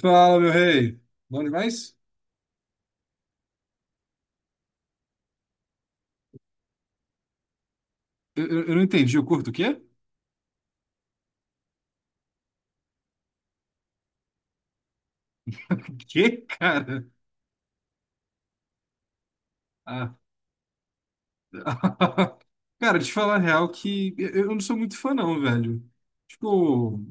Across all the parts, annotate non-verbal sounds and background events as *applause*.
Fala, meu rei. Bom demais? Eu não entendi. Eu curto o quê? *laughs* O quê, cara? Ah. *laughs* Cara, te falar a real que eu não sou muito fã, não, velho. Tipo,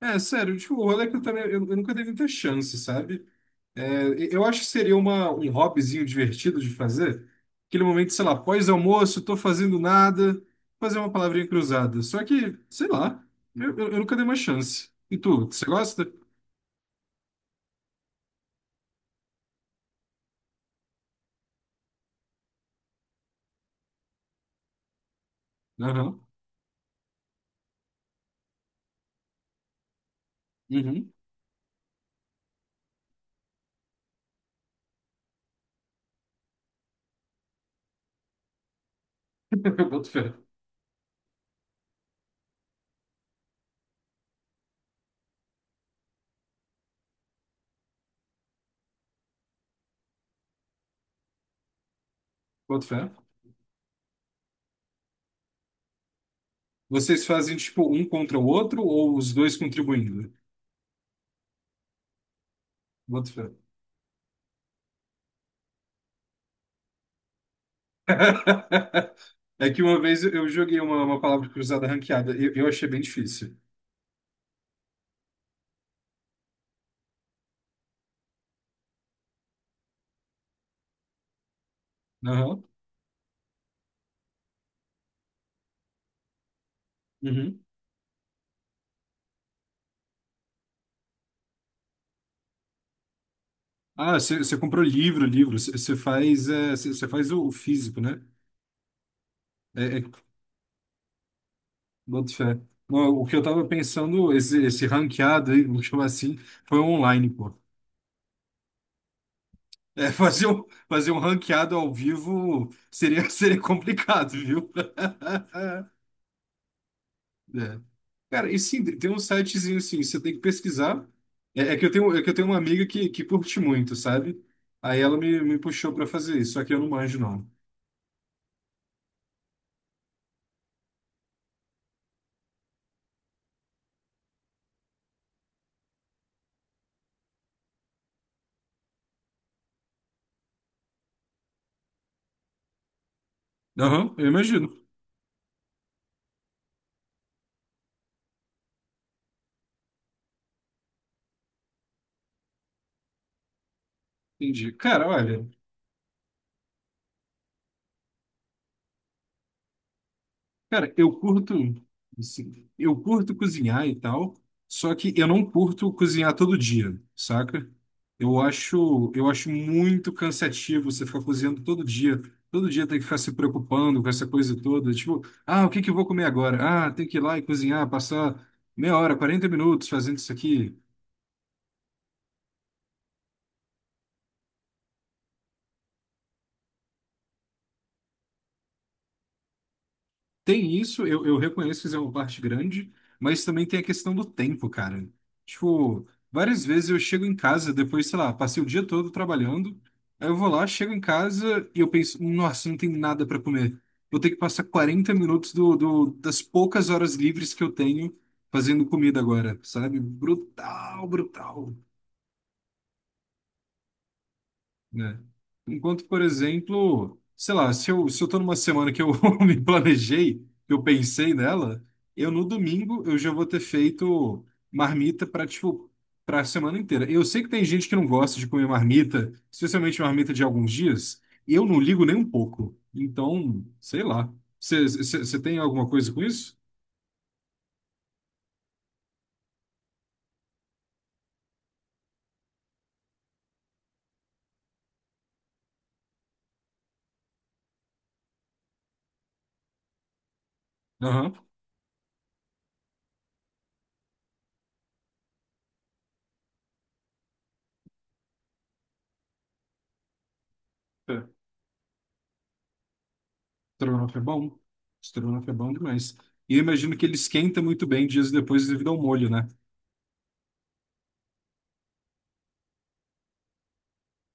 é sério, tipo, o rolê é que eu também. Eu nunca dei muita chance, sabe? É, eu acho que seria um hobbyzinho divertido de fazer. Aquele momento, sei lá, pós-almoço, tô fazendo nada, fazer uma palavrinha cruzada. Só que, sei lá, eu nunca dei uma chance. E tu, você gosta? Aham. Uhum. *laughs* Eu boto fé. Boto fé. Vocês fazem tipo um contra o outro ou os dois contribuindo? Boto fé. *laughs* É que uma vez eu joguei uma palavra cruzada ranqueada. Eu achei bem difícil. Aham. Uhum. Ah, você comprou livro, livro. Você faz, é, você faz o físico, né? É, é, boto fé. Não, o que eu tava pensando, esse ranqueado aí, vamos chamar assim, foi online, pô. É, *laughs* fazer um ranqueado ao vivo seria, *laughs* seria complicado, viu? *laughs* É. Cara, e sim, tem um sitezinho assim, você tem que pesquisar. É, é que eu tenho uma amiga que curte muito, sabe? Aí ela me puxou pra fazer isso, só que eu não manjo, não. Aham, eu imagino. Entendi. Cara, olha, cara, eu curto, assim, eu curto cozinhar e tal, só que eu não curto cozinhar todo dia, saca? Eu acho muito cansativo você ficar cozinhando todo dia. Todo dia tem que ficar se preocupando com essa coisa toda. Tipo, ah, o que que eu vou comer agora? Ah, tem que ir lá e cozinhar, passar meia hora, 40 minutos fazendo isso aqui. Tem isso, eu reconheço que isso é uma parte grande, mas também tem a questão do tempo, cara. Tipo, várias vezes eu chego em casa, depois, sei lá, passei o dia todo trabalhando, aí eu vou lá, chego em casa e eu penso, nossa, não tem nada para comer. Vou ter que passar 40 minutos do, do- das poucas horas livres que eu tenho fazendo comida agora, sabe? Brutal, brutal. Né? Enquanto, por exemplo, sei lá, se eu tô numa semana que eu *laughs* me planejei, que eu pensei nela, eu no domingo eu já vou ter feito marmita para tipo para a semana inteira. Eu sei que tem gente que não gosta de comer marmita, especialmente marmita de alguns dias, e eu não ligo nem um pouco. Então, sei lá. Você tem alguma coisa com isso? Aham. É. Estrogonofe é bom. Estrogonofe é bom demais. E eu imagino que ele esquenta muito bem dias depois devido ao molho, né?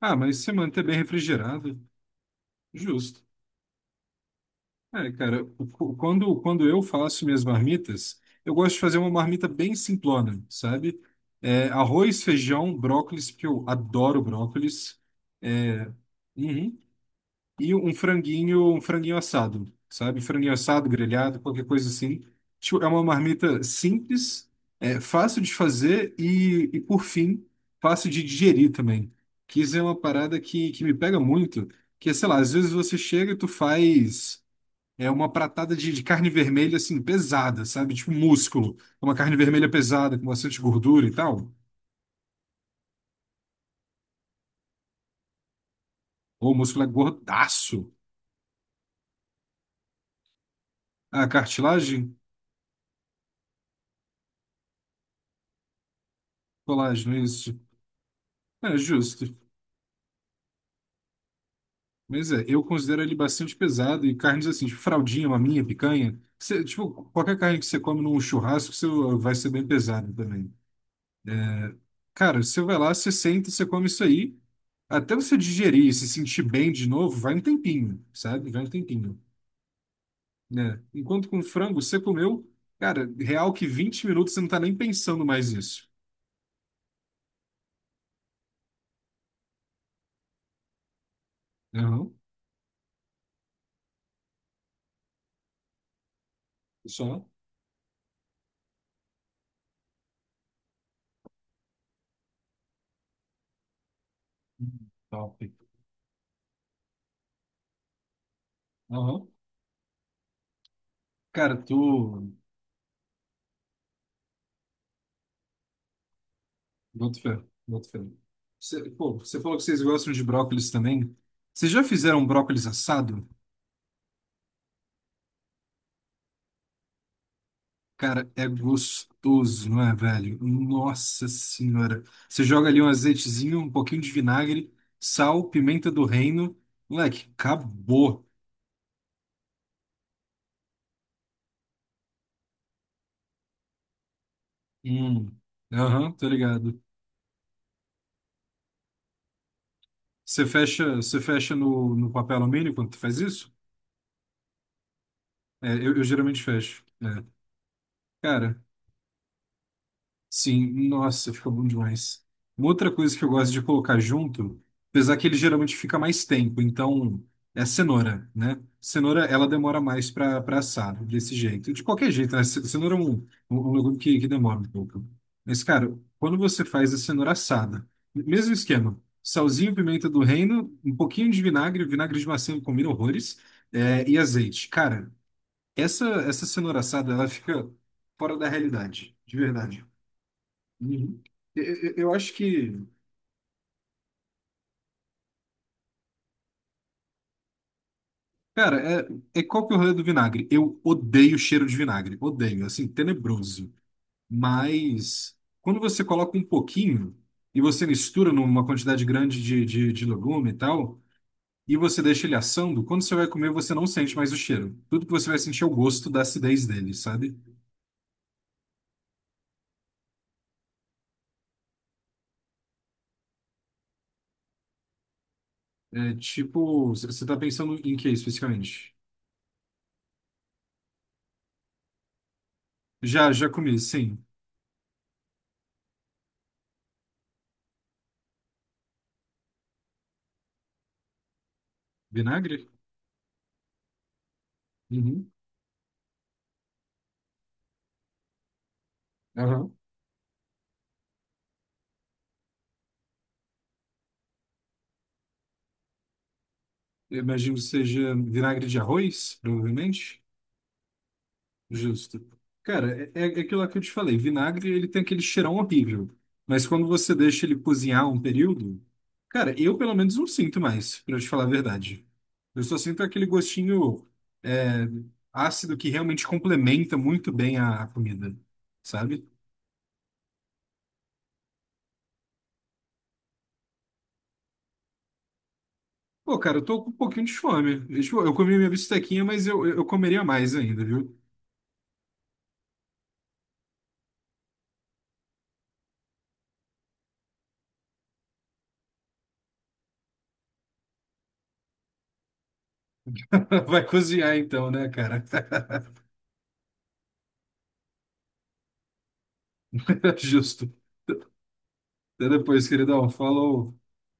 Ah, mas se manter bem refrigerado, justo. É, cara, quando, quando eu faço minhas marmitas, eu gosto de fazer uma marmita bem simplona, sabe? É, arroz, feijão, brócolis, porque eu adoro brócolis. É, uhum, e um franguinho assado, sabe? Franguinho assado, grelhado, qualquer coisa assim. Tipo, é uma marmita simples, é fácil de fazer e por fim, fácil de digerir também. Que isso é uma parada que me pega muito, que é, sei lá, às vezes você chega e tu faz é uma pratada de carne vermelha, assim, pesada, sabe? Tipo um músculo. Uma carne vermelha pesada, com bastante gordura e tal. Ou o músculo é gordaço. A cartilagem? Colágeno, isso. É justo. Mas é, eu considero ele bastante pesado e carnes assim, tipo fraldinha, maminha, picanha. Você, tipo, qualquer carne que você come num churrasco, você vai ser bem pesado também. Cara, você vai lá, você senta, você come isso aí. Até você digerir e se sentir bem de novo, vai um tempinho, sabe? Vai um tempinho, né? Enquanto com frango, você comeu, cara, real que 20 minutos você não tá nem pensando mais nisso. Aham, só. Top. Aham. Cara, tu. Boto fé, boto fé. Você, pô, você falou que vocês gostam de brócolis também. Vocês já fizeram brócolis assado? Cara, é gostoso, não é, velho? Nossa senhora. Você joga ali um azeitezinho, um pouquinho de vinagre, sal, pimenta do reino. Moleque, acabou. Hum. Aham, tô ligado. Você fecha no papel alumínio quando tu faz isso? É, eu geralmente fecho. É. Cara, sim, nossa, fica bom demais. Uma outra coisa que eu gosto de colocar junto, apesar que ele geralmente fica mais tempo, então é cenoura, né? Cenoura, ela demora mais para assar, desse jeito. De qualquer jeito, né? Cenoura é um legume que demora um pouco. Mas, cara, quando você faz a cenoura assada, mesmo esquema, salzinho, pimenta do reino, um pouquinho de vinagre, vinagre de maçã combina horrores, é, e azeite. Cara, essa cenoura assada, ela fica fora da realidade, de verdade. Uhum. Eu acho que... Cara, é, é qual que é o rolê do vinagre? Eu odeio o cheiro de vinagre. Odeio, assim, tenebroso. Mas quando você coloca um pouquinho e você mistura numa quantidade grande de legume e tal, e você deixa ele assando, quando você vai comer, você não sente mais o cheiro. Tudo que você vai sentir é o gosto da acidez dele, sabe? É tipo, você tá pensando em que especificamente? Já, já comi, sim. Vinagre? Uhum. Aham. Eu imagino que seja vinagre de arroz, provavelmente. Justo. Cara, é, é aquilo lá que eu te falei. Vinagre, ele tem aquele cheirão horrível. Mas quando você deixa ele cozinhar um período, cara, eu pelo menos não sinto mais, pra eu te falar a verdade. Eu só sinto aquele gostinho é, ácido que realmente complementa muito bem a comida, sabe? Pô, cara, eu tô com um pouquinho de fome. Eu, tipo, eu comi minha bistequinha, mas eu comeria mais ainda, viu? *laughs* Vai cozinhar então, né, cara? *laughs* *laughs* Justo. Até depois, queridão. Falou.